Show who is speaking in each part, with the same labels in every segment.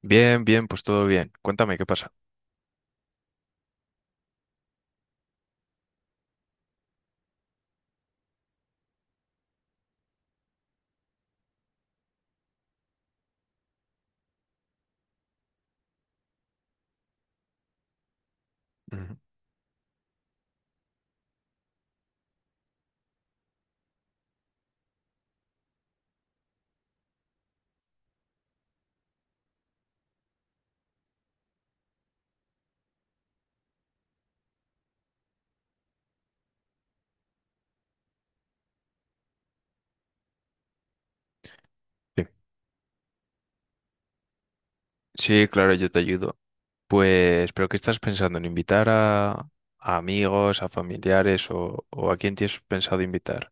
Speaker 1: Bien, bien, pues todo bien. Cuéntame, ¿qué pasa? Ujú, sí. Sí, claro, yo te ayudo. Pues, ¿pero qué estás pensando? ¿En invitar a amigos, a familiares o a quién tienes pensado invitar?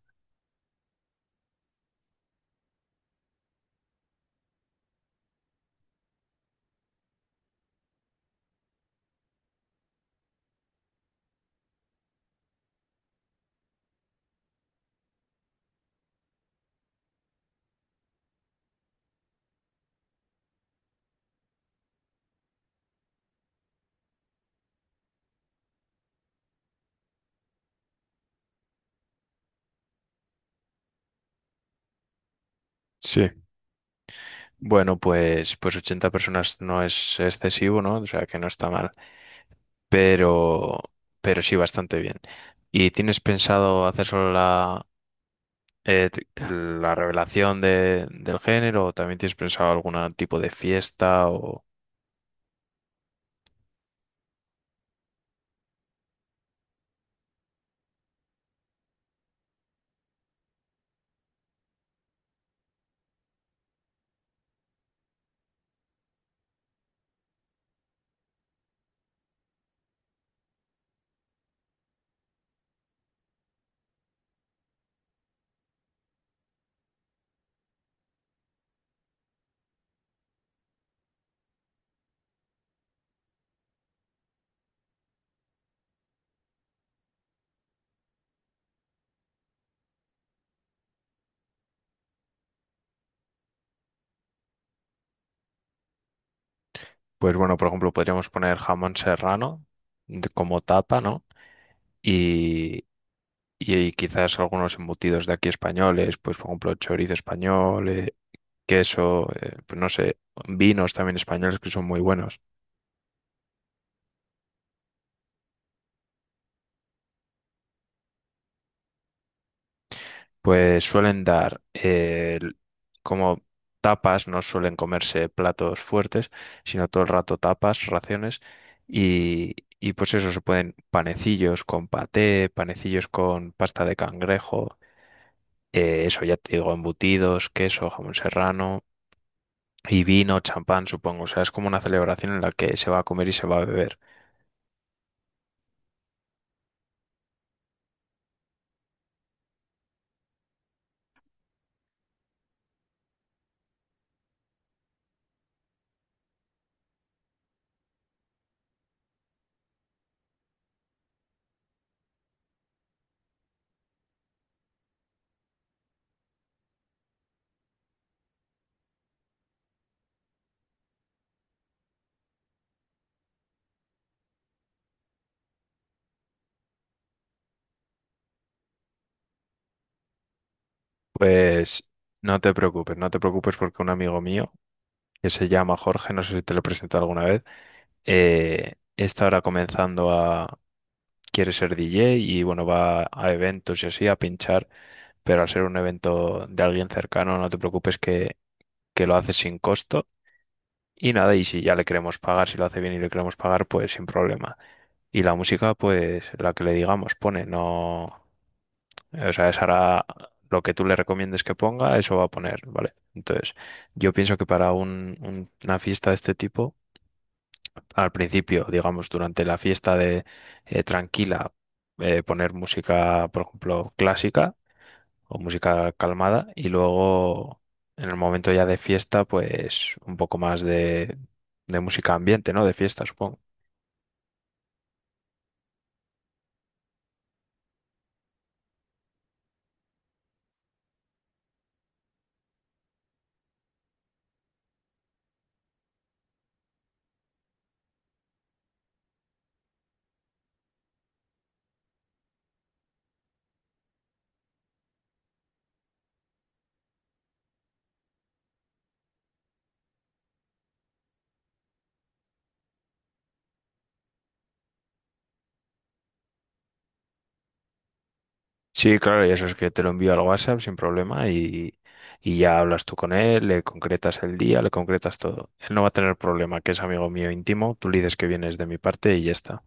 Speaker 1: Sí, bueno, pues 80 personas no es excesivo, ¿no? O sea, que no está mal, pero, pero sí bastante bien. ¿Y tienes pensado hacer solo la revelación del género o también tienes pensado algún tipo de fiesta? Pues bueno, por ejemplo, podríamos poner jamón serrano de- como tapa, ¿no? Y, y quizás algunos embutidos de aquí españoles, pues por ejemplo, chorizo español, queso, pues no sé, vinos también españoles que son muy buenos. Pues suelen dar como tapas, no suelen comerse platos fuertes, sino todo el rato tapas, raciones. Y, y pues eso, se pueden panecillos con paté, panecillos con pasta de cangrejo. Eso ya te digo, embutidos, queso, jamón serrano y vino, champán, supongo. O sea, es como una celebración en la que se va a comer y se va a beber. Pues no te preocupes, no te preocupes porque un amigo mío, que se llama Jorge, no sé si te lo he presentado alguna vez, está ahora Quiere ser DJ y bueno, va a eventos y así a pinchar, pero al ser un evento de alguien cercano, no te preocupes que lo haces sin costo. Y nada, y si ya le queremos pagar, si lo hace bien y le queremos pagar, pues sin problema. Y la música, pues la que le digamos, pone, no. O sea, esa hará lo que tú le recomiendes que ponga, eso va a poner, ¿vale? Entonces, yo pienso que para una fiesta de este tipo, al principio, digamos, durante la fiesta de tranquila, poner música, por ejemplo, clásica o música calmada y luego en el momento ya de fiesta pues un poco más de música ambiente, ¿no? De fiesta, supongo. Sí, claro, y eso es que te lo envío al WhatsApp sin problema y ya hablas tú con él, le concretas el día, le concretas todo. Él no va a tener problema, que es amigo mío íntimo, tú le dices que vienes de mi parte y ya está.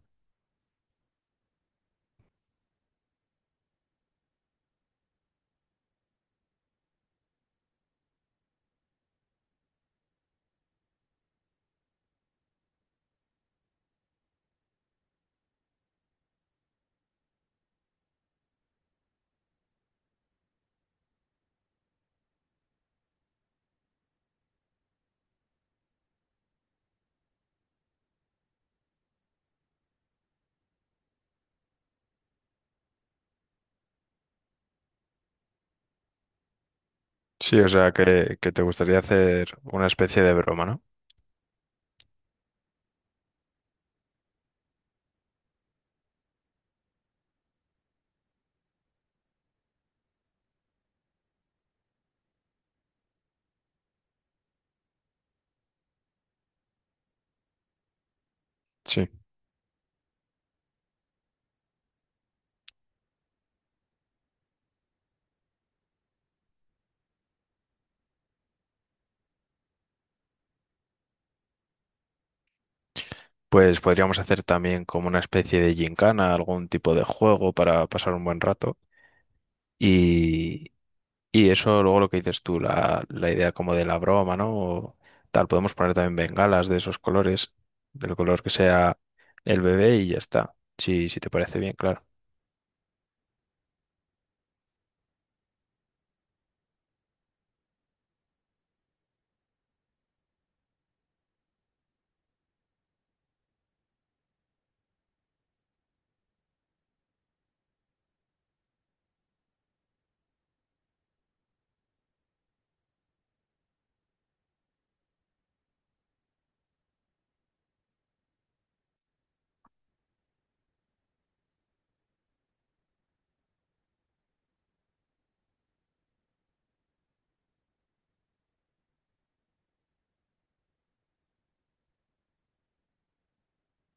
Speaker 1: Sí, o sea que te gustaría hacer una especie de broma, ¿no? Sí. Pues podríamos hacer también como una especie de gincana, algún tipo de juego para pasar un buen rato. Y, y eso luego lo que dices tú, la idea como de la broma, ¿no? O tal, podemos poner también bengalas de esos colores, del color que sea el bebé y ya está. Sí, si te parece bien, claro.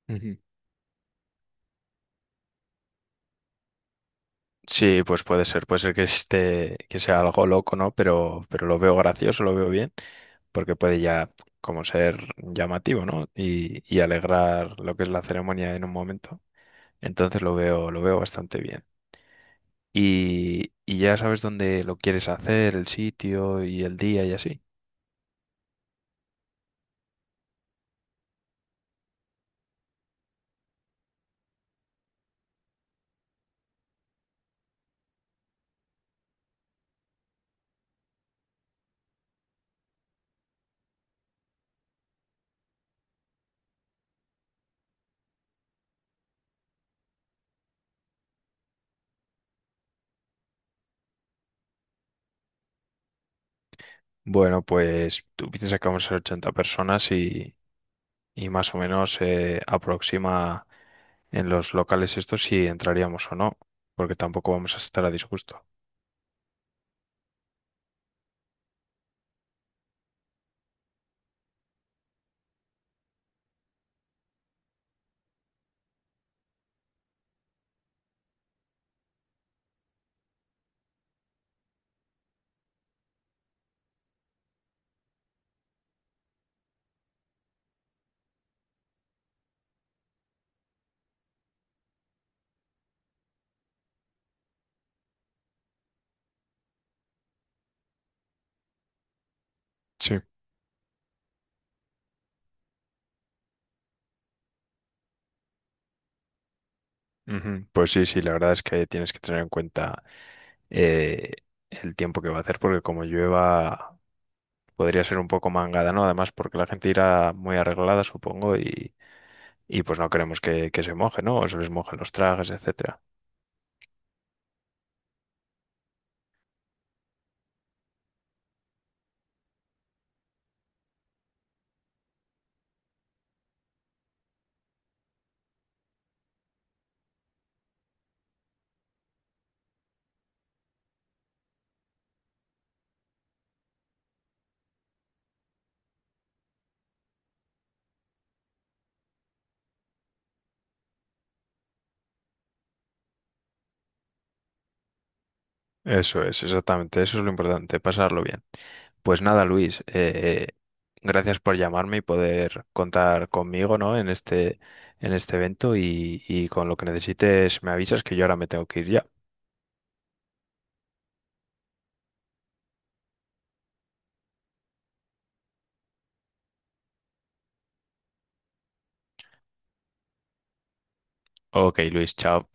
Speaker 1: Ujú. Sí, pues puede ser que esté, que sea algo loco, ¿no? Pero lo veo gracioso, lo veo bien, porque puede ya como ser llamativo, ¿no? Y alegrar lo que es la ceremonia en un momento. Entonces lo veo bastante bien. Y, y ya sabes dónde lo quieres hacer, el sitio y el día y así. Bueno, pues tú piensas que vamos a ser 80 personas y más o menos aproxima en los locales estos si entraríamos o no, porque tampoco vamos a estar a disgusto. Sí. Ujú. Pues sí, sí, la verdad es que tienes que tener en cuenta eh, el tiempo que va a hacer, porque como llueva podría ser un poco mangada, ¿no? Además, porque la gente irá muy arreglada, supongo, y pues no queremos que se moje, ¿no? O se les mojen los trajes, etcétera. Eso es, exactamente, eso es lo importante, pasarlo bien. Pues nada, Luis, gracias por llamarme y poder contar conmigo, ¿no? En este evento y con lo que necesites me avisas que yo ahora me tengo que ir ya. Ok, Luis, chao.